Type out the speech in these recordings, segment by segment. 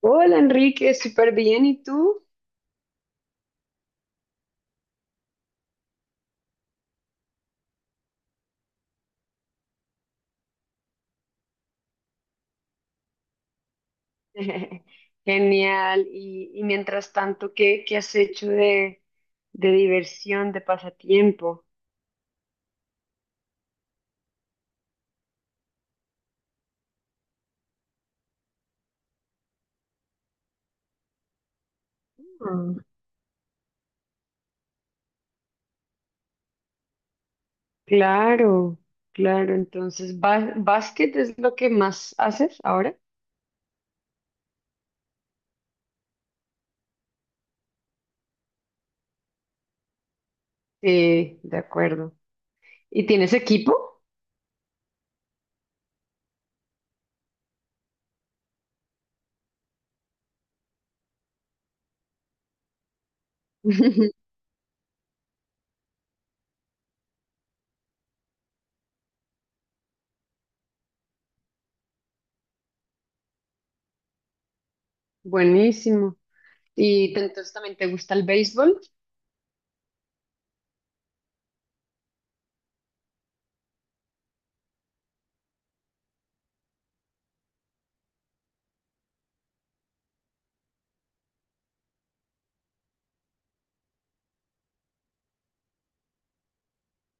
Hola Enrique, súper bien. ¿Y tú? Genial. Y mientras tanto, ¿qué has hecho de diversión, de pasatiempo? Mm. Claro, claro. Entonces, ¿básquet es lo que más haces ahora? Sí, de acuerdo. ¿Y tienes equipo? Buenísimo. ¿Entonces también te gusta el béisbol?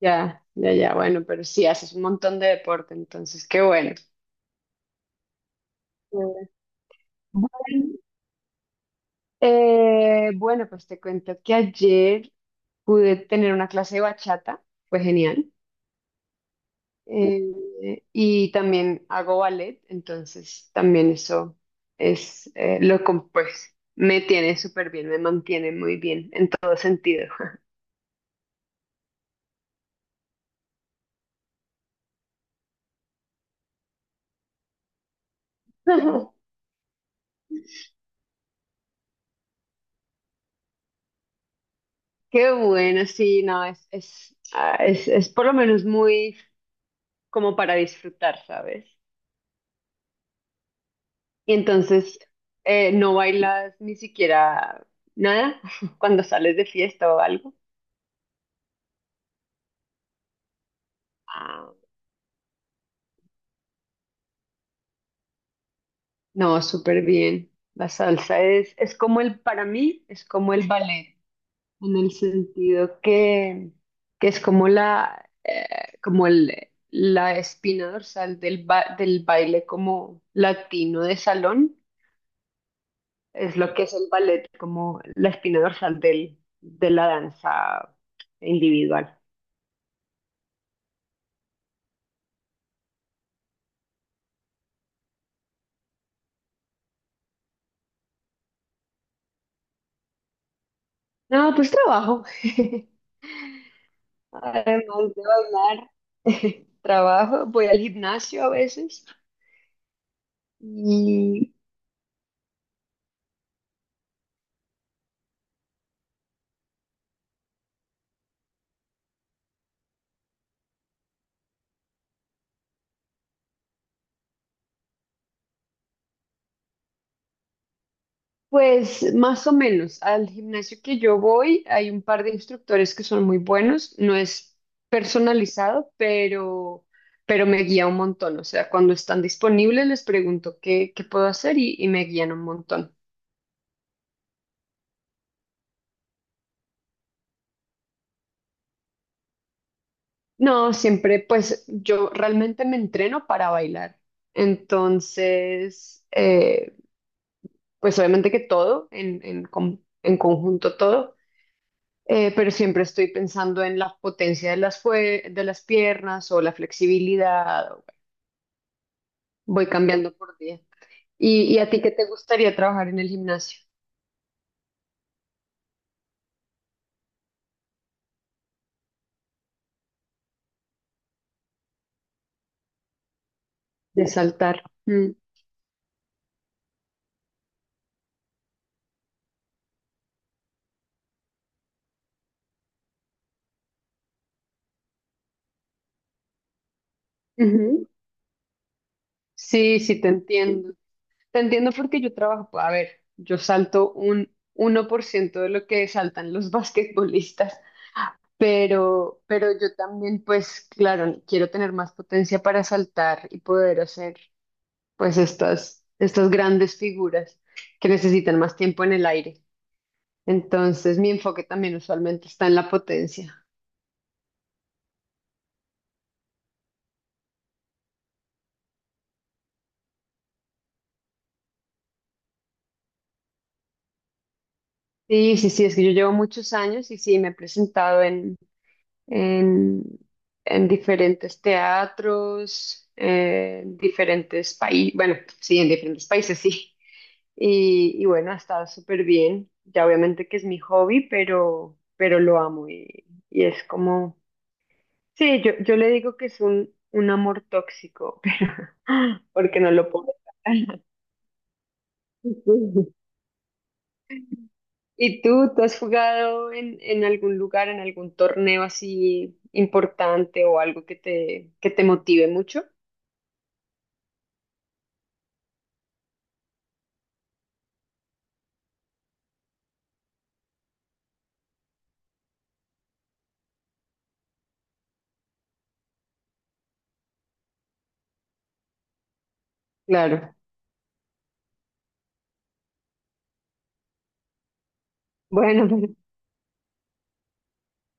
Ya, ya, ya. Bueno, pero sí, haces un montón de deporte, entonces, qué bueno. Qué bueno. Bueno, pues te cuento que ayer pude tener una clase de bachata, fue genial. Y también hago ballet, entonces también eso es lo que pues me tiene súper bien, me mantiene muy bien en todo sentido. Ujú. Qué bueno, sí, no, es por lo menos muy como para disfrutar, ¿sabes? Y entonces no bailas ni siquiera nada cuando sales de fiesta o algo. Ah, no, súper bien. La salsa es como el, para mí, es como el ballet, en el sentido que es como la, como el, la espina dorsal del, del baile como latino de salón, es lo que es el ballet, como la espina dorsal del, de la danza individual. No, pues trabajo. Además de bailar, trabajo, voy al gimnasio a veces. Y pues más o menos, al gimnasio que yo voy hay un par de instructores que son muy buenos, no es personalizado, pero me guía un montón, o sea, cuando están disponibles les pregunto qué, qué puedo hacer y me guían un montón. No, siempre pues yo realmente me entreno para bailar, entonces pues obviamente que todo, en conjunto todo. Pero siempre estoy pensando en la potencia de las, de las piernas o la flexibilidad. Voy cambiando por día. ¿Y a ti qué te gustaría trabajar en el gimnasio? De saltar. Mm. Ujú. Sí, sí, te entiendo. Te entiendo porque yo trabajo, a ver, yo salto un 1% de lo que saltan los basquetbolistas, pero yo también, pues claro, quiero tener más potencia para saltar y poder hacer pues estas, estas grandes figuras que necesitan más tiempo en el aire. Entonces, mi enfoque también usualmente está en la potencia. Sí, sí, sí, es que yo llevo muchos años y sí, me he presentado en, en diferentes teatros, en diferentes países, bueno, sí, en diferentes países, sí. Y bueno, ha estado súper bien. Ya obviamente que es mi hobby, pero lo amo y es como sí, yo le digo que es un amor tóxico, porque no lo puedo sacar. ¿Y tú has jugado en algún lugar, en algún torneo así importante o algo que te motive mucho? Claro. Bueno, pero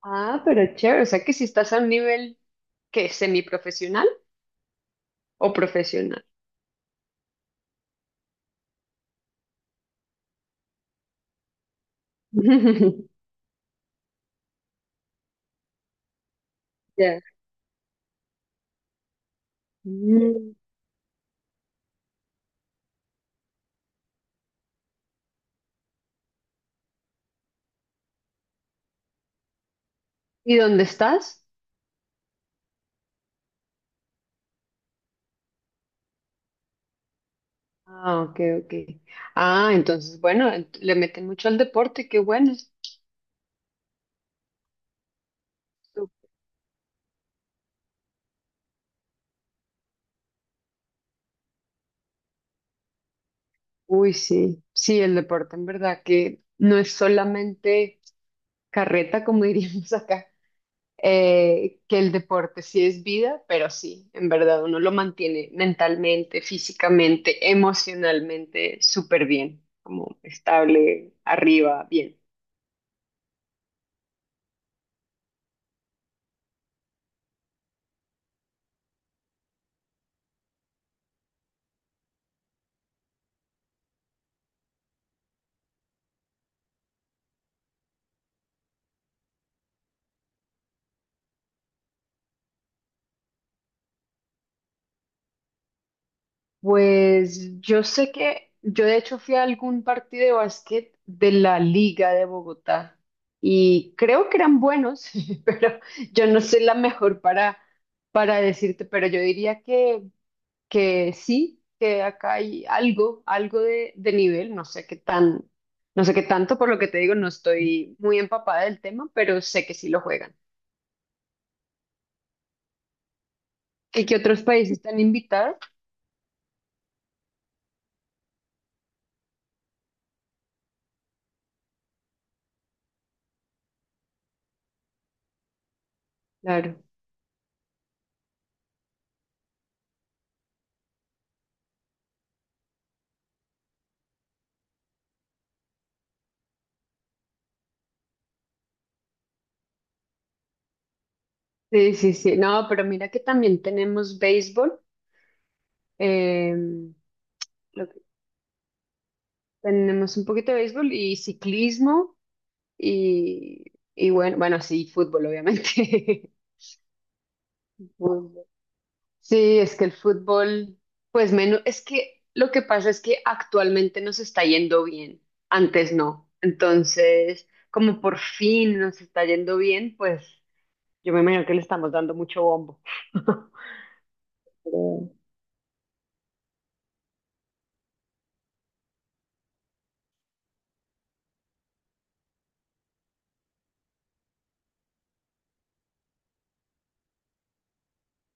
ah, pero chévere, o sea que si estás a un nivel que semiprofesional o profesional. Ya. Mm. ¿Y dónde estás? Ah, ok, ok. Ah, entonces, bueno, le meten mucho al deporte, qué bueno. Uy, sí, sí, el deporte en verdad que no es solamente carreta, como diríamos acá, que el deporte sí es vida, pero sí, en verdad uno lo mantiene mentalmente, físicamente, emocionalmente súper bien, como estable, arriba, bien. Pues yo sé que yo de hecho fui a algún partido de básquet de la Liga de Bogotá y creo que eran buenos, pero yo no soy la mejor para decirte, pero yo diría que sí, que acá hay algo, algo de nivel, no sé qué tan, no sé qué tanto, por lo que te digo, no estoy muy empapada del tema, pero sé que sí lo juegan. ¿Y que otros países están invitados? Claro. Sí, sí, sí. No, pero mira que también tenemos béisbol. Eh, lo que- Tenemos un poquito de béisbol y ciclismo y, y bueno, bueno, sí, fútbol, obviamente. Fútbol. Sí, es que el fútbol, pues menos, es que lo que pasa es que actualmente nos está yendo bien, antes no. Entonces, como por fin nos está yendo bien, pues yo me imagino que le estamos dando mucho bombo. Pero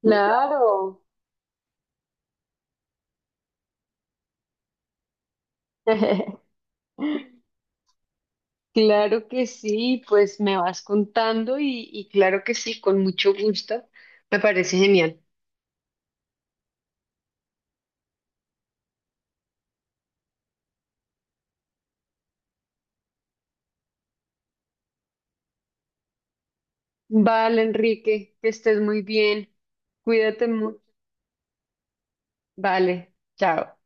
claro. Claro que sí, pues me vas contando y claro que sí, con mucho gusto. Me parece genial. Vale, Enrique, que estés muy bien. Cuídate mucho. Vale, chao.